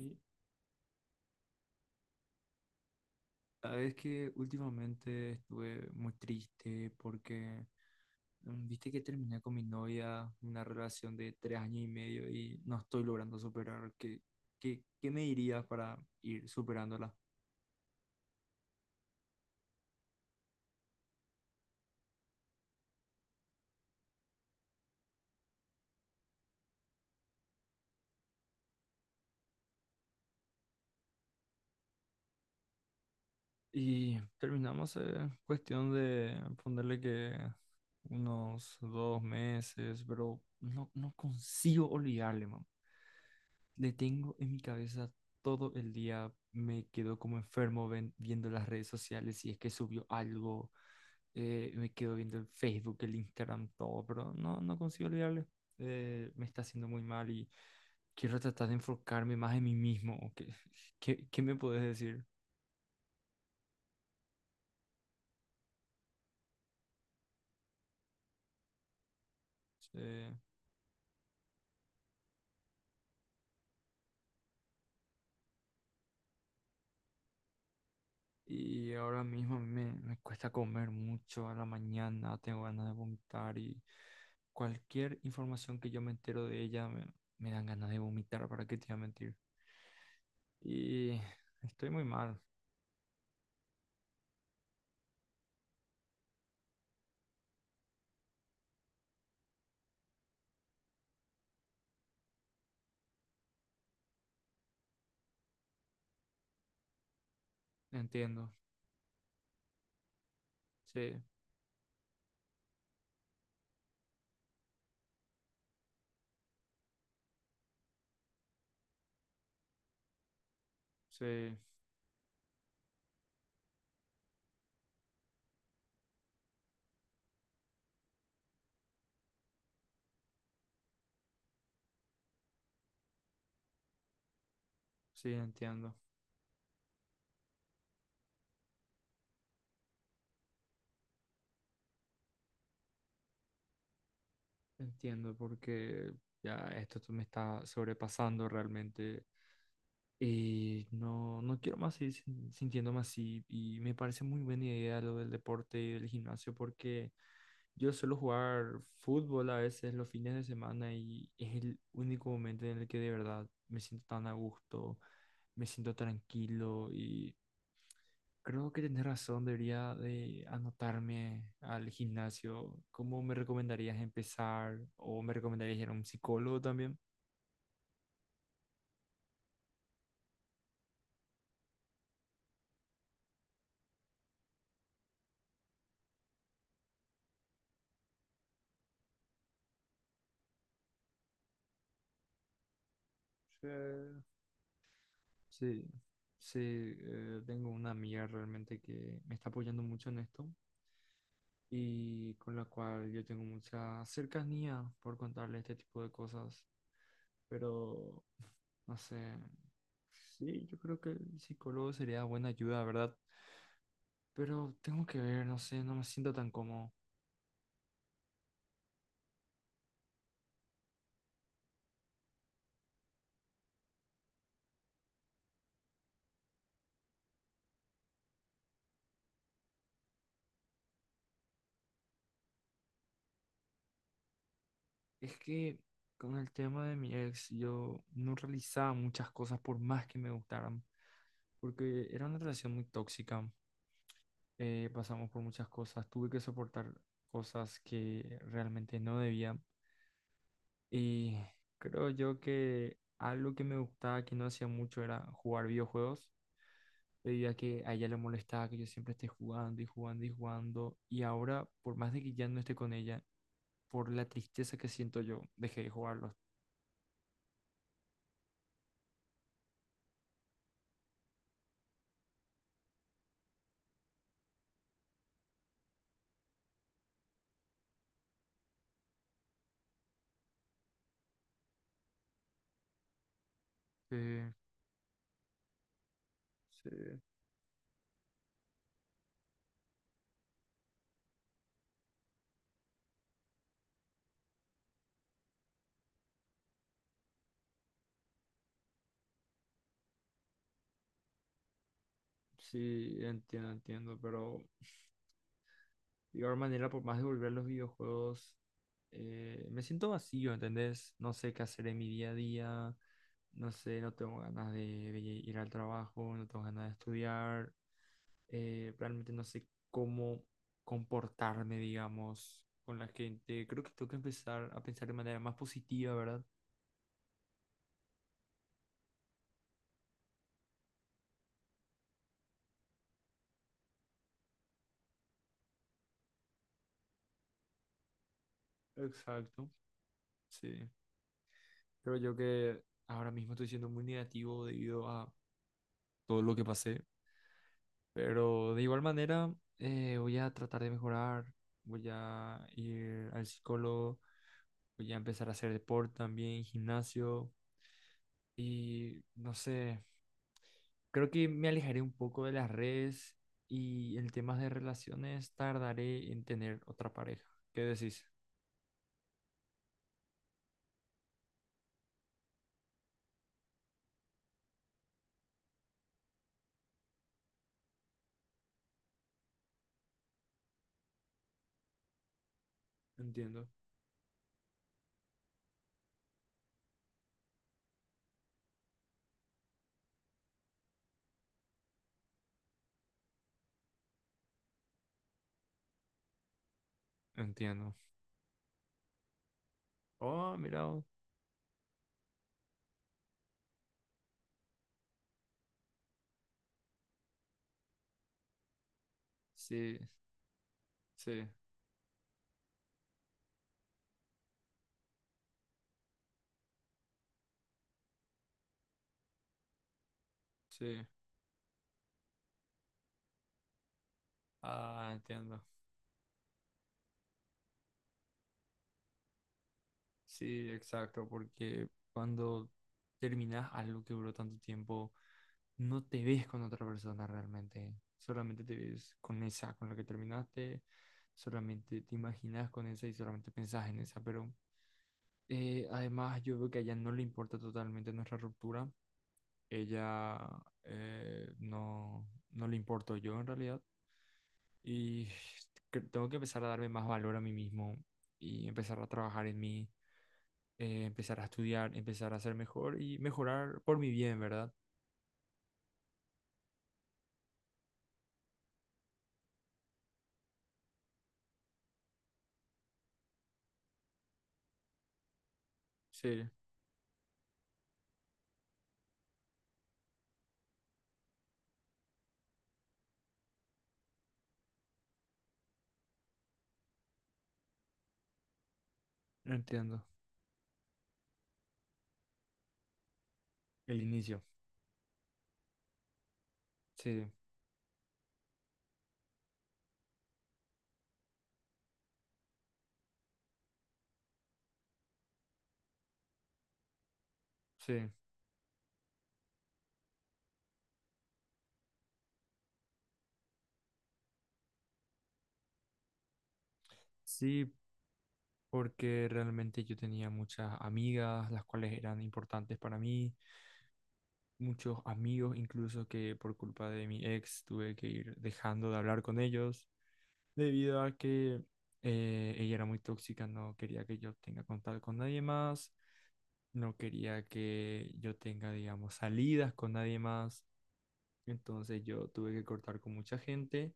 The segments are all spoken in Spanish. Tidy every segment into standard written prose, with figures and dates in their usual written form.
Y sabes que últimamente estuve muy triste porque viste que terminé con mi novia, una relación de 3 años y medio, y no estoy logrando superar. ¿Qué me dirías para ir superándola? Y terminamos cuestión de ponerle que unos 2 meses, pero no consigo olvidarle. Le tengo en mi cabeza todo el día, me quedo como enfermo viendo las redes sociales si es que subió algo. Me quedo viendo el Facebook, el Instagram, todo, pero no consigo olvidarle. Me está haciendo muy mal y quiero tratar de enfocarme más en mí mismo. ¿Qué, qué me puedes decir? Eh, Y ahora mismo a mí me cuesta comer mucho a la mañana, tengo ganas de vomitar, y cualquier información que yo me entero de ella me dan ganas de vomitar. ¿Para qué te voy a mentir? Y estoy muy mal. Entiendo. Sí, sí, sí, entiendo, entiendo, porque ya esto me está sobrepasando realmente. Y no quiero más seguir sintiéndome así. Y me parece muy buena idea lo del deporte y del gimnasio, porque yo suelo jugar fútbol a veces los fines de semana y es el único momento en el que de verdad me siento tan a gusto, me siento tranquilo, y creo que tenés razón, debería de anotarme al gimnasio. ¿Cómo me recomendarías empezar? ¿O me recomendarías ir a un psicólogo también? Sí. Sí, sí, tengo una amiga realmente que me está apoyando mucho en esto y con la cual yo tengo mucha cercanía por contarle este tipo de cosas, pero no sé, sí, yo creo que el psicólogo sería buena ayuda, ¿verdad? Pero tengo que ver, no sé, no me siento tan cómodo. Es que con el tema de mi ex, yo no realizaba muchas cosas por más que me gustaran, porque era una relación muy tóxica. Pasamos por muchas cosas, tuve que soportar cosas que realmente no debía, y creo yo que algo que me gustaba que no hacía mucho era jugar videojuegos, debido a que a ella le molestaba que yo siempre esté jugando y jugando y jugando. Y ahora, por más de que ya no esté con ella, por la tristeza que siento yo, dejé de jugarlos. Eh, Sí, sí, entiendo, entiendo, pero de igual manera, por más de volver a los videojuegos, me siento vacío, ¿entendés? No sé qué hacer en mi día a día, no sé, no tengo ganas de ir al trabajo, no tengo ganas de estudiar. Realmente no sé cómo comportarme, digamos, con la gente. Creo que tengo que empezar a pensar de manera más positiva, ¿verdad? Exacto, sí. Creo yo que ahora mismo estoy siendo muy negativo debido a todo lo que pasé. Pero de igual manera, voy a tratar de mejorar, voy a ir al psicólogo, voy a empezar a hacer deporte también, gimnasio, y no sé, creo que me alejaré un poco de las redes, y en temas de relaciones tardaré en tener otra pareja. ¿Qué decís? Entiendo. Entiendo. Oh, mira, oh, sí, sí, sí. Ah, entiendo. Sí, exacto, porque cuando terminas algo que duró tanto tiempo, no te ves con otra persona realmente, solamente te ves con esa, con la que terminaste, solamente te imaginas con esa y solamente pensás en esa. Pero además yo veo que a ella no le importa totalmente nuestra ruptura. Ella, eh, no, no le importo yo en realidad, y tengo que empezar a darme más valor a mí mismo y empezar a trabajar en mí. Empezar a estudiar, empezar a ser mejor y mejorar por mi bien, ¿verdad? Sí, entiendo. El inicio. Sí. Sí, sí, porque realmente yo tenía muchas amigas, las cuales eran importantes para mí, muchos amigos incluso, que por culpa de mi ex tuve que ir dejando de hablar con ellos, debido a que, ella era muy tóxica, no quería que yo tenga contacto con nadie más, no quería que yo tenga, digamos, salidas con nadie más. Entonces yo tuve que cortar con mucha gente,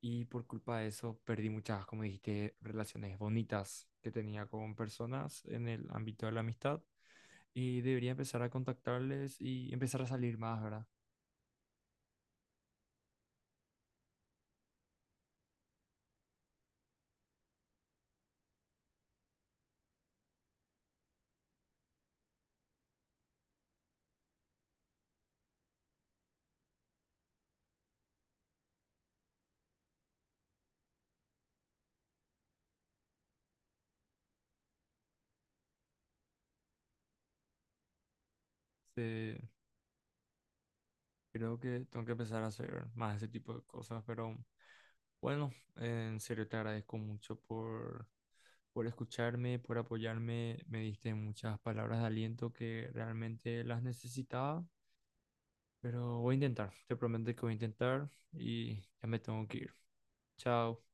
y por culpa de eso perdí muchas, como dijiste, relaciones bonitas que tenía con personas en el ámbito de la amistad, y debería empezar a contactarles y empezar a salir más, ¿verdad? Se- Creo que tengo que empezar a hacer más ese tipo de cosas, pero bueno, en serio te agradezco mucho por escucharme, por apoyarme, me diste muchas palabras de aliento que realmente las necesitaba. Pero voy a intentar, te prometo que voy a intentar, y ya me tengo que ir. Chao.